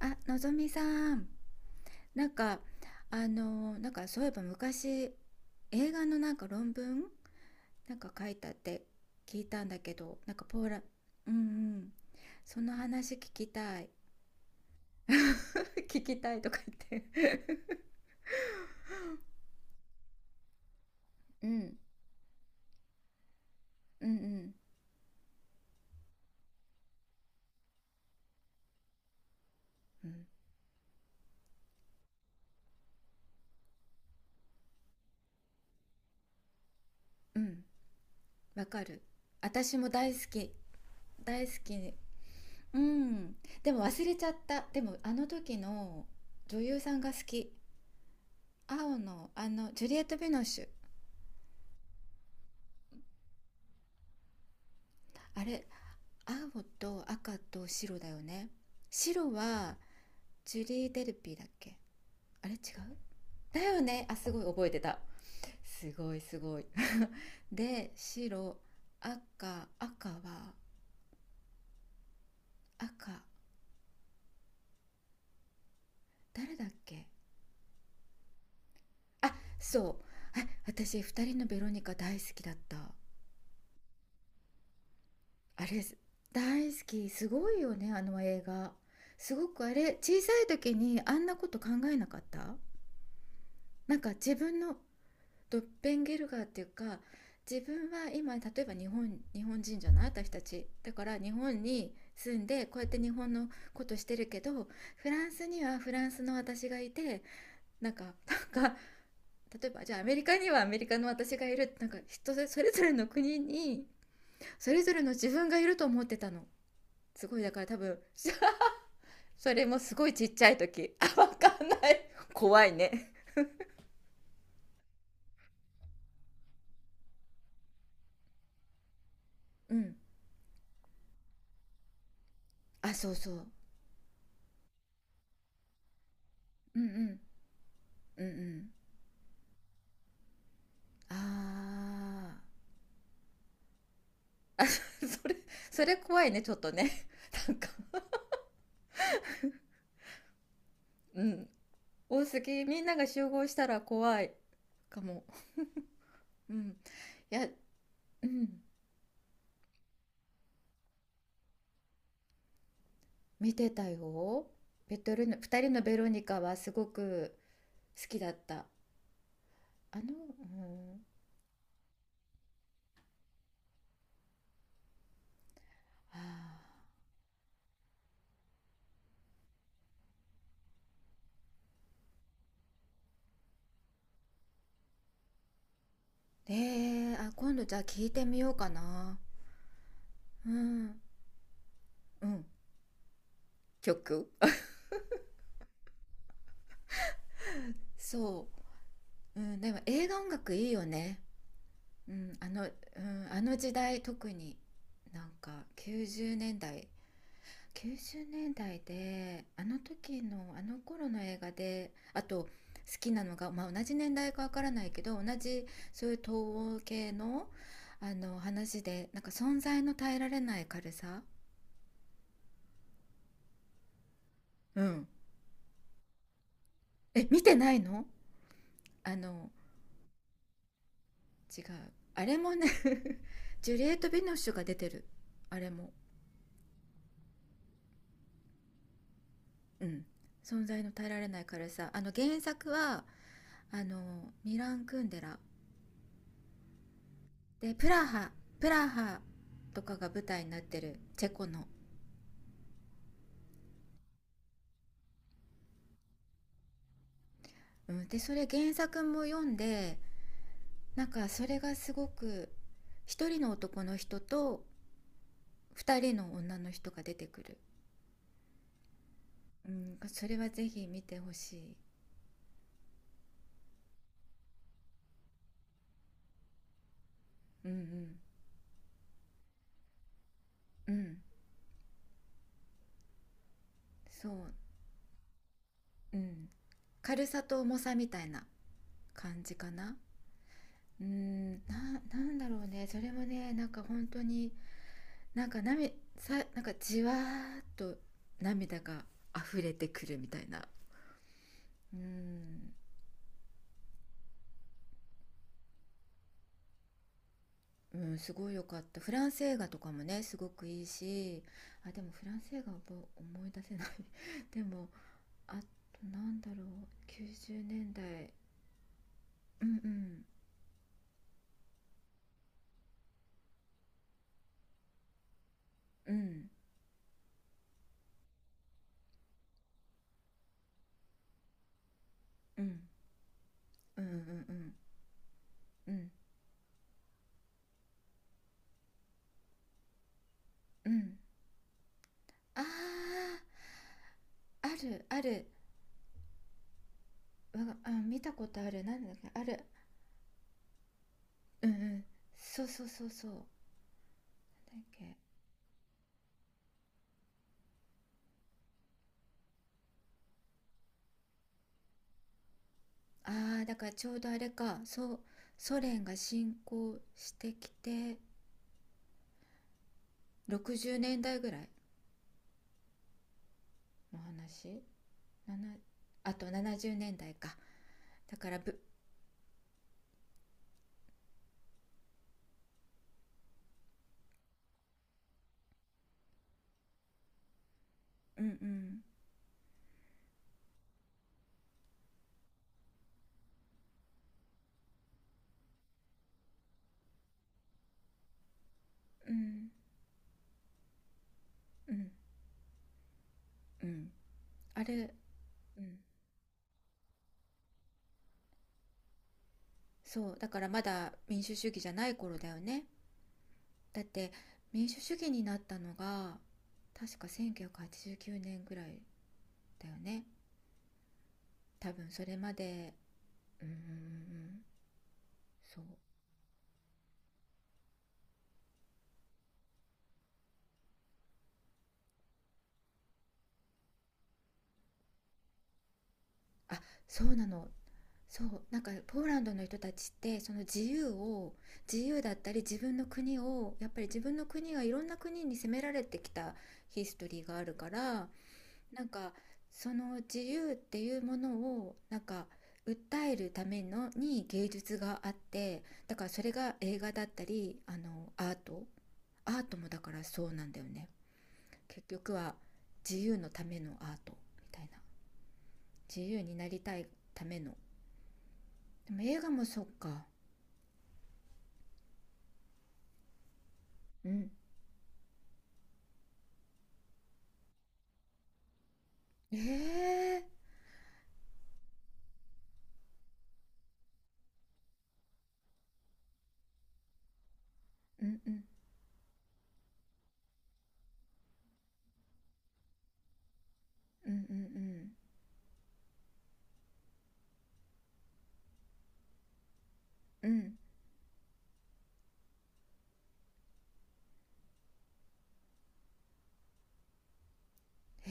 あ、のぞみさん、なんか、そういえば昔、映画の論文書いたって聞いたんだけど、なんかポーラ、うんうん、その話聞きたい 聞きたいとか言って うん、うんうんうんうん。わかる、私も大好き。大好き。うん、でも忘れちゃった。でもあの時の女優さんが好き。青のあのジュリエット・ヴィノッシュ。あれ、青と赤と白だよね。白はジュリー・デルピーだっけ。あれ違う、だよね。あ、すごい覚えてた。すごいすごい で白、赤は赤、誰だっけ。あ、そう。あ、私、二人のベロニカ大好きだった。あれ大好き。すごいよね、あの映画。すごくあれ、小さい時にあんなこと考えなかった。自分のドッペンゲルガーっていうか、自分は今、例えば、日本人じゃない私たちだから、日本に住んでこうやって日本のことしてるけど、フランスにはフランスの私がいて、なんかなんか例えばじゃあアメリカにはアメリカの私がいる、人それぞれの国にそれぞれの自分がいると思ってたの。すごい、だから多分 それもすごいちっちゃい時。あ、わかんない、怖いね。うん。あ、そうそう。うんうんうんうん。あー それ、それ怖いねちょっとね なんか うん、多すぎ、みんなが集合したら怖いかも。うん、いや、うん。見てたよ。ベトルの二人のベロニカはすごく好きだった。あの、うん、あー、ねえー、あ、今度じゃあ聞いてみようかな。うんうん、曲 そう、うん、でも映画音楽いいよね。うん、あの、うん、あの時代特に、なんか90年代。90年代であの時のあの頃の映画で、あと好きなのが、まあ、同じ年代かわからないけど、同じそういう東欧系の、あの話で、存在の耐えられない軽さ。うん。え、見てないの。あの、違う。あれもね ジュリエット・ビノッシュが出てる、あれも。うん。存在の耐えられない軽さ、あの原作はあのミラン・クンデラ。で、プラハ、プラハとかが舞台になってるチェコの、うん、でそれ原作も読んで、それがすごく、一人の男の人と二人の女の人が出てくる、うん、それはぜひ見てほしい。うんうんうん。そう、うん。軽さと重さみたいな感じかな。うーん、ななんだろうね、それもね、本当に、涙さ、じわーっと涙が溢れてくるみたいな。うん、うん、すごい良かった。フランス映画とかもねすごくいいし、あ、でもフランス映画はもう思い出せない でもあとなんだろう、90年代、うねんだい、うんうんうんうんうんうんうんうんうん。あー、あるある、わが、あ、見たことある、なんだっけ、ある。うんうん、そうそうそうそう、なんだっけ。ああ、だからちょうどあれか、そう、ソ連が侵攻してきて、60年代ぐらいの話、なな、あと70年代か。だからぶ、うんうん、うん、うん、うん。あれ、うん。そう、だからまだ民主主義じゃない頃だよね。だって民主主義になったのが、確か1989年ぐらいだよね。多分それまで、ううんうんうん、そう。あ、そうなの。そう、ポーランドの人たちって、その自由を、自由だったり、自分の国を、やっぱり自分の国がいろんな国に攻められてきたヒストリーがあるから、なんかその自由っていうものを訴えるためのに芸術があって、だからそれが映画だったり、あのアート、アートもだからそうなんだよね、結局は。自由のためのアートみたいな、自由になりたいための。でも映画もそっか。うん、ええー、うんうんうんうんうん。うんへえ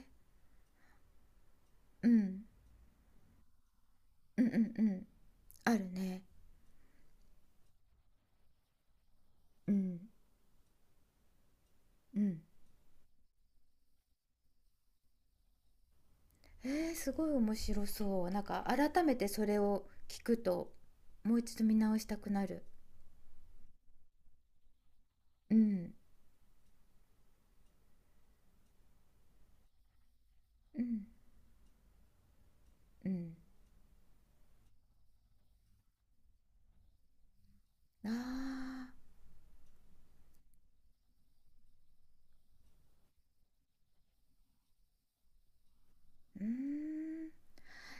ー、うんうんうんうん。あるね。うんうん、えー、すごい面白そう。改めてそれを聞くと、もう一度見直したくなる。うんうんうん、ああー、うーん、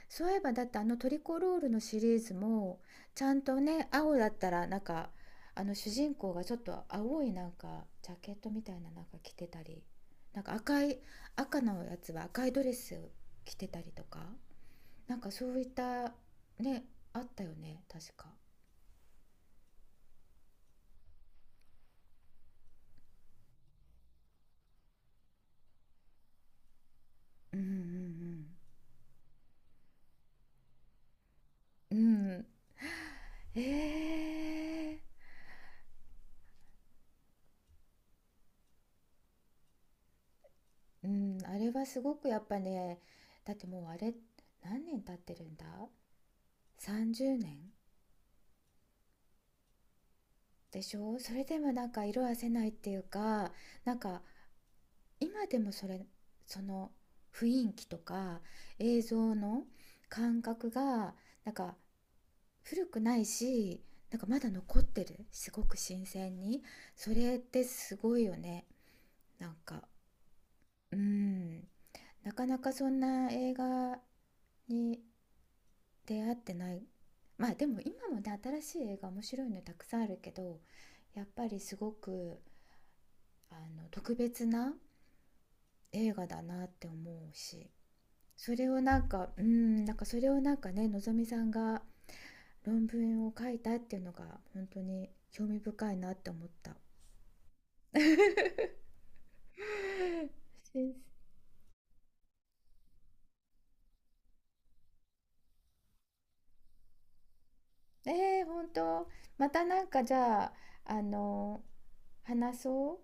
そういえば、だってあのトリコロールのシリーズもちゃんとね、青だったらあの主人公がちょっと青いジャケットみたいな着てたり、赤い、赤のやつは赤いドレスを着てたりとか、そういった、ね、あったよね確か。うんうんうんうん、えー、うん。あれはすごくやっぱね、だってもうあれ、何年経ってるんだ、30年でしょ。それでも色褪せないっていうか、なんか今でもそれ、その雰囲気とか映像の感覚がなんか古くないし、まだ残ってる、すごく新鮮に。それってすごいよね。なんかうん、なかなかそんな映画に出会ってない。まあでも今もね、新しい映画面白いのたくさんあるけど、やっぱりすごく、あの、特別な映画だなって思うし、それをうん、なんかそれをなんかね、のぞみさんが論文を書いたっていうのが本当に興味深いなって思った。えー、本当。またなんかじゃあ、あの、話そう、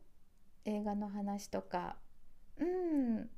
映画の話とか。うん。